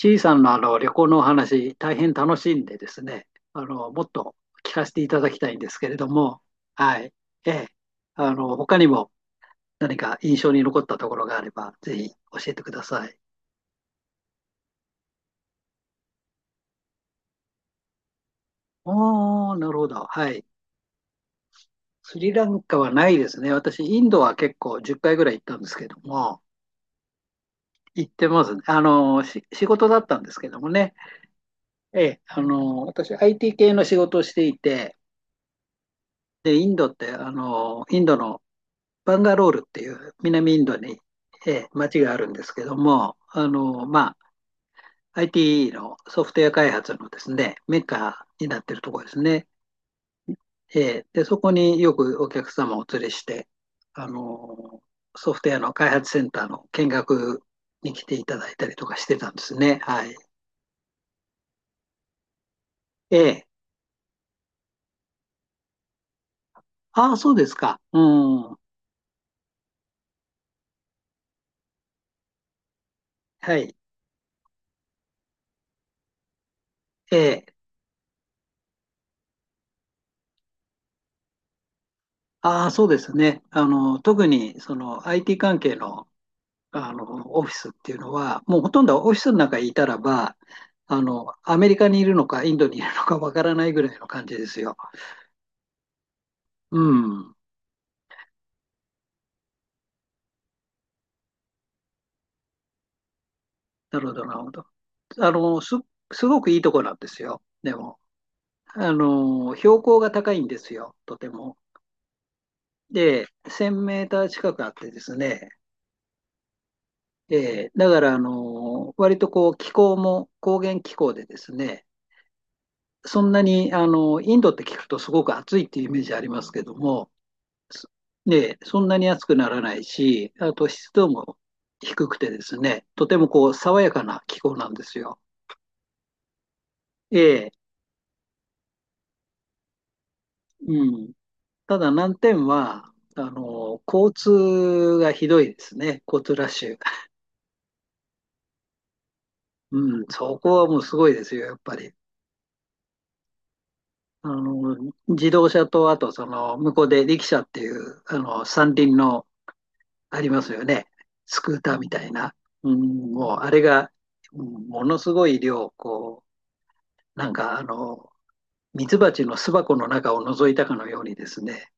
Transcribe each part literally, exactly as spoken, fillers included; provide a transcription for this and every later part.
小さんのあの旅行のお話、大変楽しいんでですね、あの、もっと聞かせていただきたいんですけれども、はい。ええ。あの、他にも何か印象に残ったところがあれば、ぜひ教えてください。おー、なるほど。はい。スリランカはないですね。私、インドは結構じゅっかいぐらい行ったんですけども、行ってますね。あの、し仕事だったんですけどもね。ええ、あの、私、アイティー 系の仕事をしていて、で、インドって、あの、インドのバンガロールっていう南インドに、えー町があるんですけども、あの、まあ、アイティー のソフトウェア開発のですね、メッカになってるところですね。えーで、そこによくお客様をお連れして、あの、ソフトウェアの開発センターの見学に来ていただいたりとかしてたんですね。はい。えーああ、そうですか。うん。はい。えーああ、そうですね。あの、特にその アイティー 関係のあの、オフィスっていうのは、もうほとんどオフィスの中にいたらば、あの、アメリカにいるのか、インドにいるのかわからないぐらいの感じですよ。うん。なるほど、なるほど。あの、す、すごくいいとこなんですよ。でも、あの、標高が高いんですよ、とても。で、せんメーターメーター近くあってですね、で、だから、あの、割とこう、気候も高原気候でですね、そんなに、あの、インドって聞くとすごく暑いっていうイメージありますけども、で、そんなに暑くならないし、あと湿度も低くてですね、とてもこう爽やかな気候なんですよ。ええ、うん。ただ難点は、あの、交通がひどいですね、交通ラッシュ。うん、そこはもうすごいですよ、やっぱり。あの、自動車と、あとその、向こうで力車っていう、あの、三輪のありますよね、スクーターみたいな。うん、もうあれが、うん、ものすごい量、こう、なんかあの、ミツバチの巣箱の中を覗いたかのようにですね、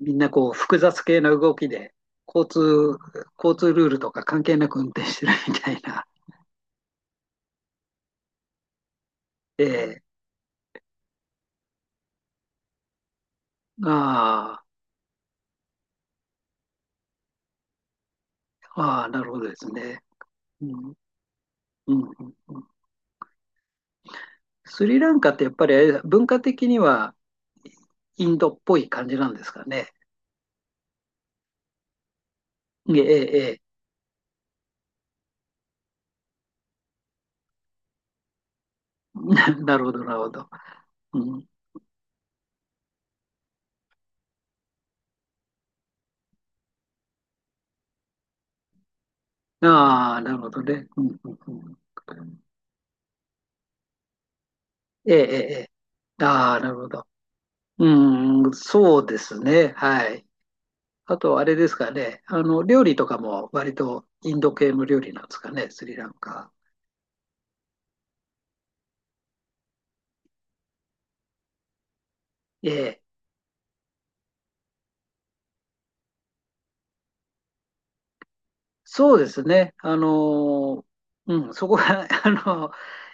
みんなこう複雑系な動きで、交通、交通ルールとか関係なく運転してるみたいな。えーああ、なるほどですね。うん、うん、うん。スリランカってやっぱり文化的にはインドっぽい感じなんですかね。ええ、えーななるほど、なるほど。うん、ああ、なるほどね。うん、うん、うん。えーええ、ええ、ああ、なるほど。うん、そうですね。はい。あと、あれですかね。あの、料理とかも割とインド系の料理なんですかね、スリランカ。ええ、そうですね。あの、うん、そこが、あの、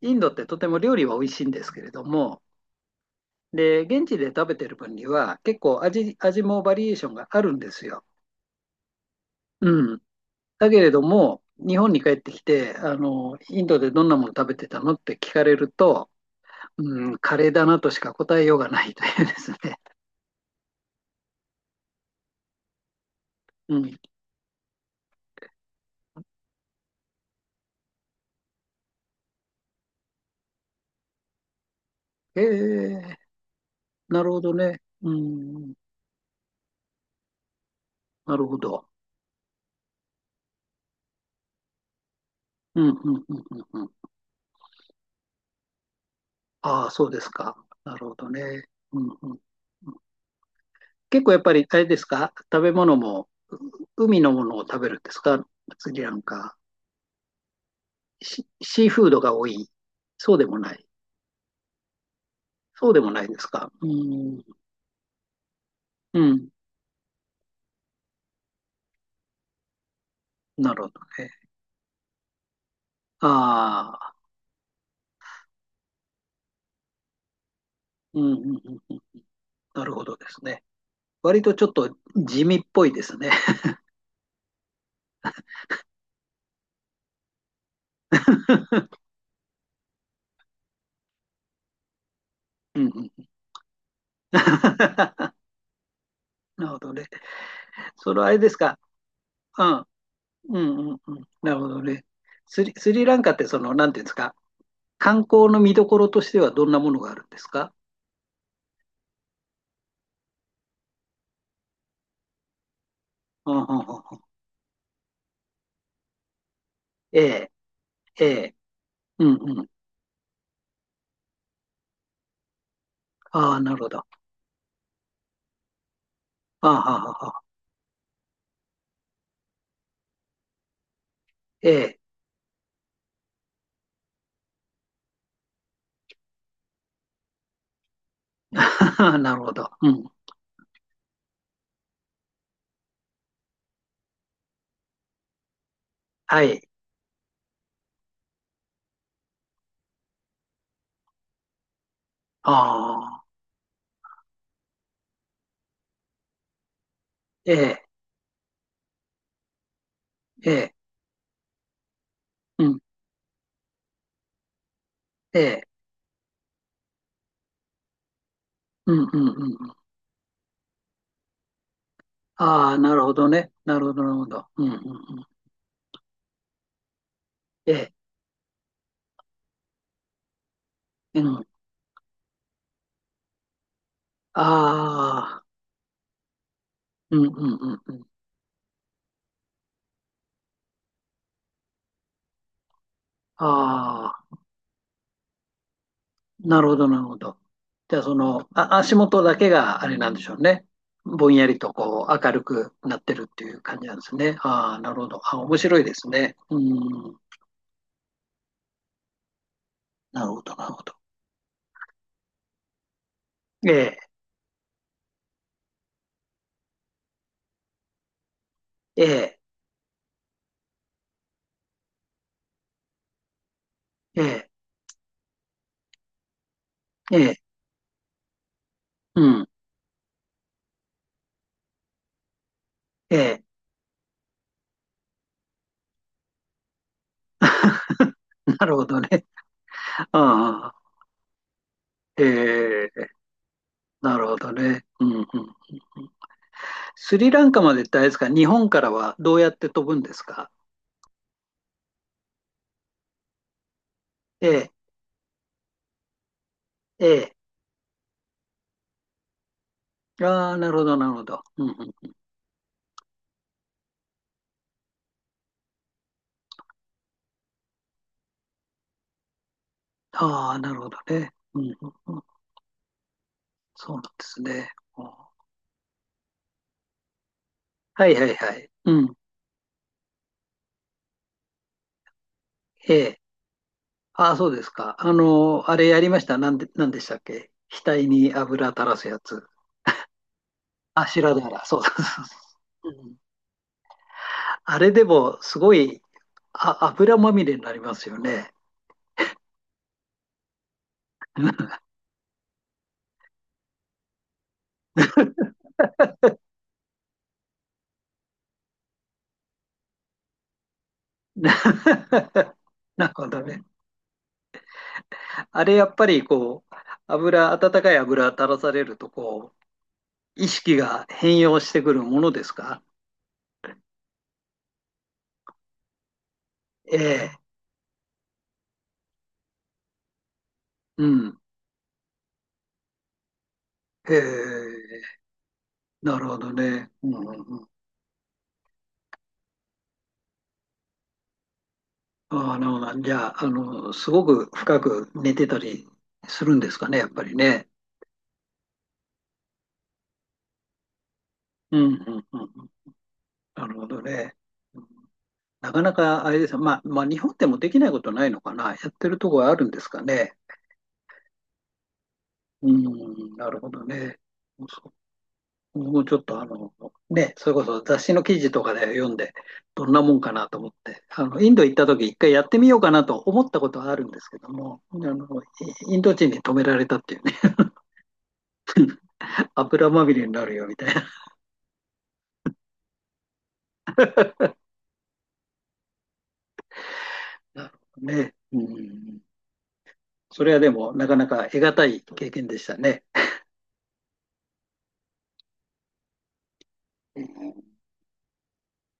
インドってとても料理は美味しいんですけれども、で、現地で食べてる分には結構味、味もバリエーションがあるんですよ。うん。だけれども、日本に帰ってきて、あの、インドでどんなもの食べてたのって聞かれると、うん、カレーだなとしか答えようがないというですね。うん。ええ、なるほどね。うん、なるほど。うん、うん、うん、うん。うん、ああ、そうですか。なるほどね。うん、うん。結構やっぱり、あれですか、食べ物も、海のものを食べるんですか、スリランカ。シ、シーフードが多い。そうでもない。そうでもないですか。うん、うん。なるほどね。ああ、うん、うん、うん。なるほどですね。割とちょっと地味っぽいですね。うん、うん。 なるほどね。それはあれですか。うん。うん、うん、うん。なるほどね。スリ、スリランカってその、なんていうんですか。観光の見どころとしてはどんなものがあるんですか？うん、うん、うん、うん。ええ、ええ。うん、うん。ああ、なるほど。ああ、はあ、はあ、あええ。なるほど。うん。はい。ああ。ええ、ええ。うん。ええ。うん、うん、うん、うん。ああ、なるほどね。なるほど、なるほど。うん、うん、うん。ええ。うん。ああ。うん、うん、うん、うん。ああ、なるほど、なるほど。じゃあ、その、あ、足元だけがあれなんでしょうね。ぼんやりとこう明るくなってるっていう感じなんですね。ああ、なるほど。あ、面白いですね。うん。なるほど、なるほど。ええ、ええ、ええ、ええ、うん。ええ、なるほどね。ああ、ええ、なるほどね。うん、うん、うん。スリランカまでってあれですか、日本からはどうやって飛ぶんですか？ええ、ええ。ああ、なるほど、なるほど。うん、うん。ああ、なるほどね。うん、うん、うん。そうなんですね。うん、はい、はい、はい。うん。ええ。ああ、そうですか。あの、あれやりました。なんで、なんでしたっけ、額に油垂らすやつ。あ、白だから。そうそうそうそう。うん、あれでも、すごい、あ、油まみれになりますよね。なるほどね。あれやっぱりこう、油、温かい油垂らされると、こう、意識が変容してくるものですか？ええ。うん。ええ、なるほどね。うん、うん、うん、ああ、なるほど。じゃあ、あの、すごく深く寝てたりするんですかね、やっぱりね。うん、うん、うん、うん。なるほどね。うん、なかなかあれですよ。まあ、まあ、日本でもできないことないのかな。やってるとこはあるんですかね。うん、なるほどね。僕もちょっとあの、ね、それこそ雑誌の記事とかで読んで、どんなもんかなと思って、あの、インド行った時一回やってみようかなと思ったことはあるんですけども、あの、インド人に止められたっていうね、油まみれになるよみたいな。なるほどね。うん。それはでも、なかなか得難い経験でしたね。